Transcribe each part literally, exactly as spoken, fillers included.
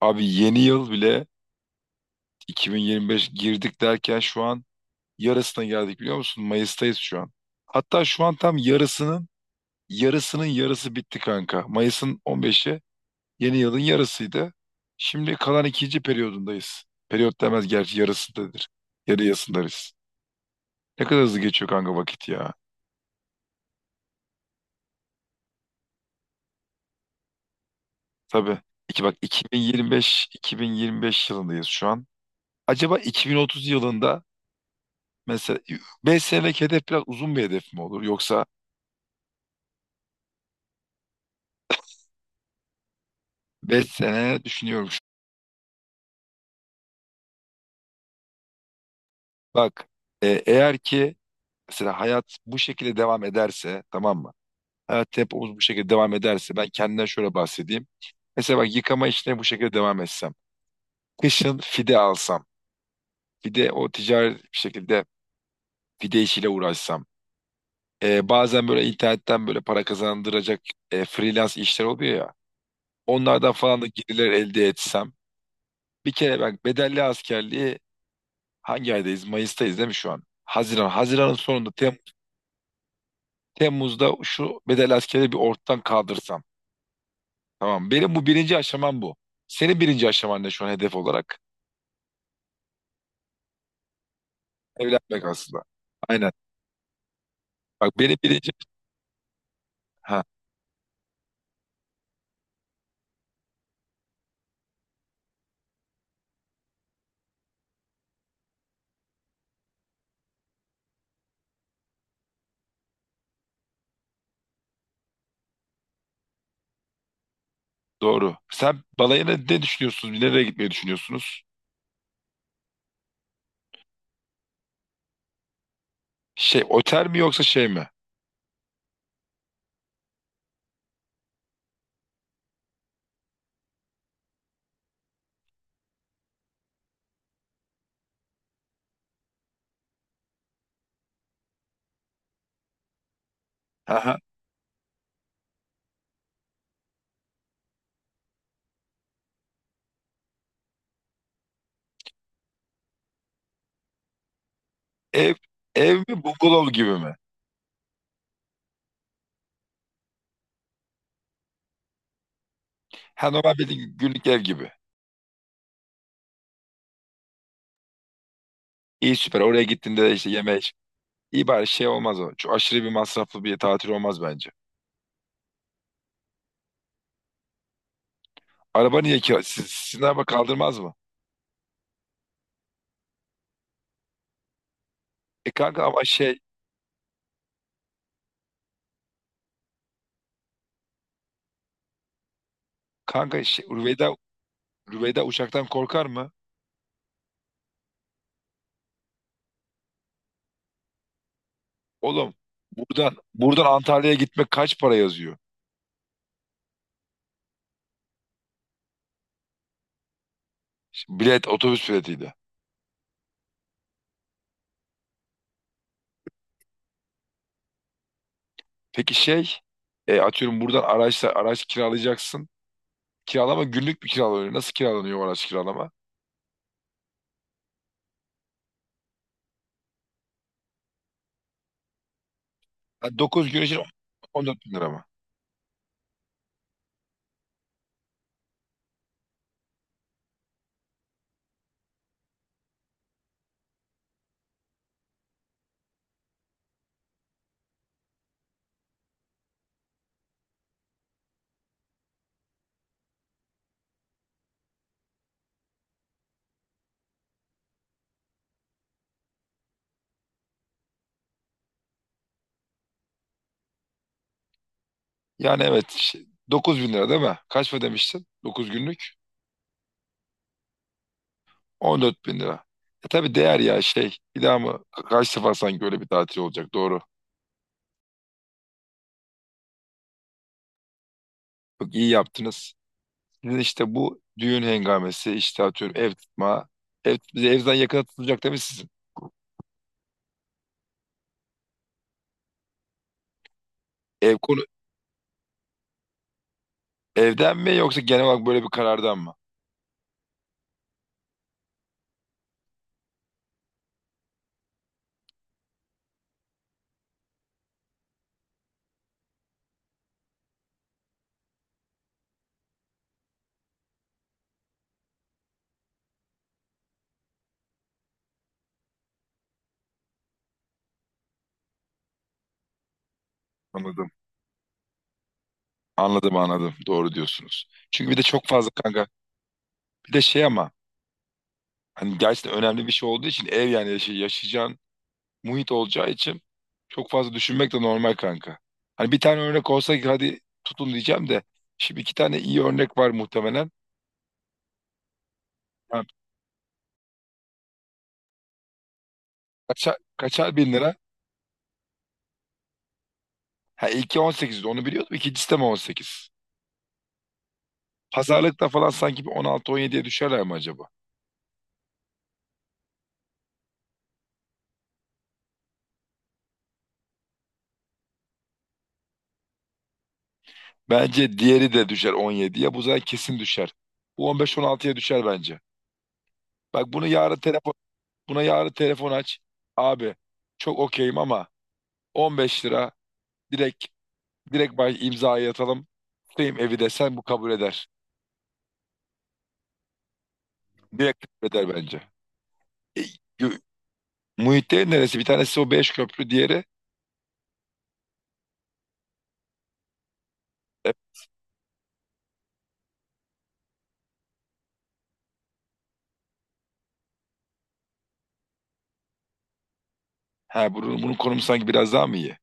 Abi yeni yıl bile iki bin yirmi beş girdik derken şu an yarısına geldik biliyor musun? Mayıs'tayız şu an. Hatta şu an tam yarısının yarısının yarısı bitti kanka. Mayıs'ın on beşi yeni yılın yarısıydı. Şimdi kalan ikinci periyodundayız. Periyot demez gerçi yarısındadır. Yarı yarısındayız. Ne kadar hızlı geçiyor kanka vakit ya. Tabii. İki bak iki bin yirmi beş iki bin yirmi beş yılındayız şu an. Acaba iki bin otuz yılında mesela beş senelik hedef biraz uzun bir hedef mi olur yoksa beş sene düşünüyormuş. Bak e, eğer ki mesela hayat bu şekilde devam ederse tamam mı? Hayat tempomuz bu şekilde devam ederse ben kendimden şöyle bahsedeyim. Mesela bak yıkama işine bu şekilde devam etsem. Kışın fide alsam. Fide o ticari bir şekilde fide işiyle uğraşsam. E, bazen böyle internetten böyle para kazandıracak e, freelance işler oluyor ya. Onlardan falan da gelirler elde etsem. Bir kere bak bedelli askerliği hangi aydayız? Mayıs'tayız değil mi şu an? Haziran. Haziran'ın sonunda Temmuz. Temmuz'da şu bedel askeri bir ortadan kaldırsam. Tamam. Benim bu birinci aşamam bu. Senin birinci aşaman ne şu an hedef olarak? Evlenmek aslında. Aynen. Bak benim birinci... Ha, doğru. Sen balayına ne düşünüyorsunuz? Nereye gitmeyi düşünüyorsunuz? Şey, otel mi yoksa şey mi? Aha. Ev, ev mi bungalov gibi mi? Ha, normal bir günlük ev gibi. İyi süper. Oraya gittiğinde de işte yeme iç. İyi bari şey olmaz o. Çok aşırı bir masraflı bir tatil olmaz bence. Araba niye ki? Sizin araba kaldırmaz mı? E kanka ama şey. Kanka şey, Rüveyda, Rüveyda uçaktan korkar mı? Oğlum buradan buradan Antalya'ya gitmek kaç para yazıyor? Şimdi bilet otobüs biletiydi. Peki şey e, atıyorum buradan araçla araç kiralayacaksın. Kiralama günlük bir kiralanıyor. Nasıl kiralanıyor o araç kiralama? dokuz gün için on dört bin lira mı? Yani evet şey, dokuz bin lira değil mi? Kaç mı demiştin? dokuz günlük on dört bin lira. E tabii değer ya şey. Bir daha mı? Kaç sefer sanki öyle bir tatil olacak doğru. Bak iyi yaptınız. Sizin işte bu düğün hengamesi işte atıyorum ev tutma. Ev, bize evden yakına tutulacak değil mi sizin? Ev konu evden mi yoksa genel olarak böyle bir karardan mı? Anladım. Anladım anladım. Doğru diyorsunuz. Çünkü bir de çok fazla kanka. Bir de şey ama hani gerçekten önemli bir şey olduğu için ev yani yaşay yaşayacağın muhit olacağı için çok fazla düşünmek de normal kanka. Hani bir tane örnek olsa ki hadi tutun diyeceğim de şimdi iki tane iyi örnek var muhtemelen. Ha, kaça- kaçar bin lira? Ha, ilki on sekizdi onu biliyordum. İkincisi de mi on sekiz? Pazarlıkta falan sanki bir on altı on yediye düşerler mi acaba? Bence diğeri de düşer on yediye. Bu zaten kesin düşer. Bu on beş on altıya düşer bence. Bak bunu yarın telefon buna yarın telefon aç. Abi çok okeyim ama on beş lira, direkt direkt baş imzayı atalım. Tutayım evi desen bu kabul eder. Direkt kabul eder bence. E, gö- Muhittin neresi? Bir tanesi o beş köprü, diğeri e, ha bunun, bunun konumu sanki biraz daha mı iyi?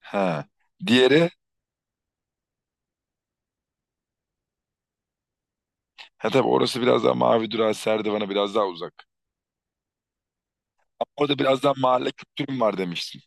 Ha. Diğeri, ha, tabii orası biraz daha Mavi Durağı Serdivan'a biraz daha uzak. Orada biraz daha mahalle kültürüm var demiştin.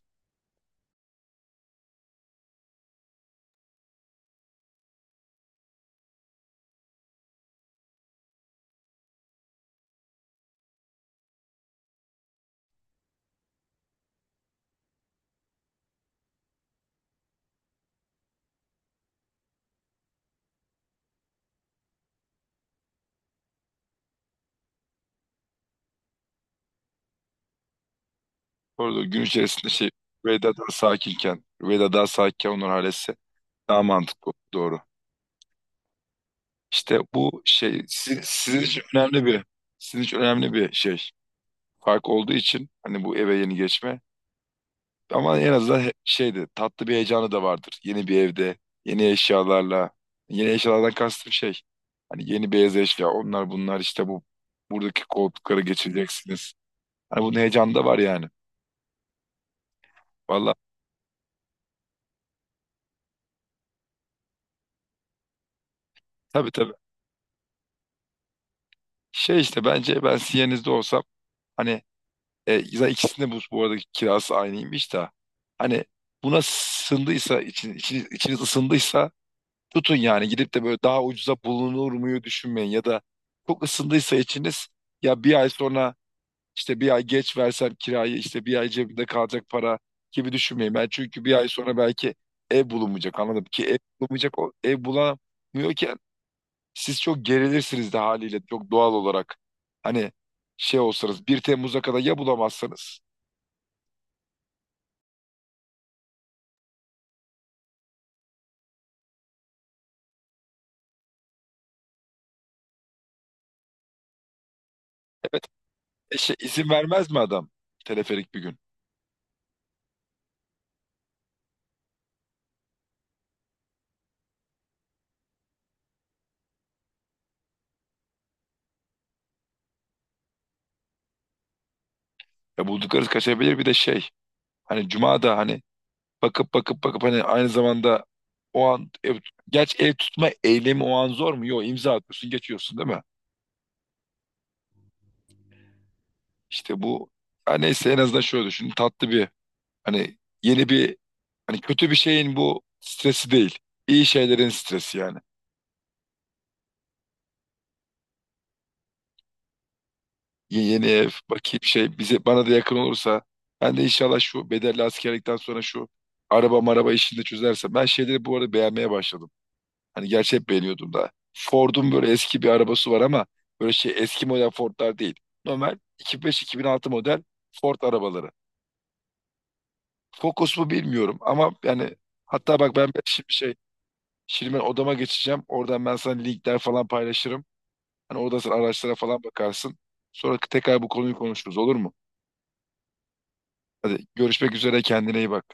Orada gün içerisinde şey Rüveyda daha sakinken, Rüveyda daha sakinken onlar halletse daha mantıklı doğru. İşte bu şey sizin, sizin için önemli bir sizin için önemli bir şey. Fark olduğu için hani bu eve yeni geçme ama en azından he- şeydi tatlı bir heyecanı da vardır. Yeni bir evde, yeni eşyalarla, yeni eşyalardan kastım şey hani yeni beyaz eşya onlar bunlar işte bu buradaki koltukları geçireceksiniz. Hani bunun heyecanı da var yani. Vallahi. Tabii tabii. Şey işte bence ben Siyeniz'de olsam hani e, zaten ikisinde bu, bu arada kirası aynıymış da hani buna sındıysa için, içiniz, içiniz ısındıysa tutun yani gidip de böyle daha ucuza bulunur muyu düşünmeyin ya da çok ısındıysa içiniz ya bir ay sonra işte bir ay geç versem kirayı işte bir ay cebimde kalacak para gibi düşünmeyin. Ben çünkü bir ay sonra belki ev bulunmayacak anladım ki ev bulunmayacak o ev bulamıyorken siz çok gerilirsiniz de haliyle çok doğal olarak. Hani şey olsanız bir Temmuz'a kadar ya bulamazsanız. Evet. E şey, izin vermez mi adam? Teleferik bir gün. Ya bulduklarınız kaçabilir bir de şey. Hani Cuma da hani bakıp bakıp bakıp hani aynı zamanda o an ev, geç ev tutma eylemi o an zor mu? Yok, imza atıyorsun geçiyorsun değil mi? İşte bu, ha neyse en azından şöyle düşün tatlı bir hani yeni bir hani kötü bir şeyin bu stresi değil. İyi şeylerin stresi yani. Ye- Yeni ev bakayım şey bize bana da yakın olursa ben de inşallah şu bedelli askerlikten sonra şu araba maraba işini de çözersem ben şeyleri bu arada beğenmeye başladım. Hani gerçi hep beğeniyordum da. Ford'un böyle eski bir arabası var ama böyle şey eski model Ford'lar değil. Normal iki bin beş-iki bin altı model Ford arabaları. Focus mu bilmiyorum ama yani hatta bak ben şimdi şey şimdi ben odama geçeceğim. Oradan ben sana linkler falan paylaşırım. Hani orada sen araçlara falan bakarsın. Sonra tekrar bu konuyu konuşuruz olur mu? Hadi görüşmek üzere kendine iyi bak.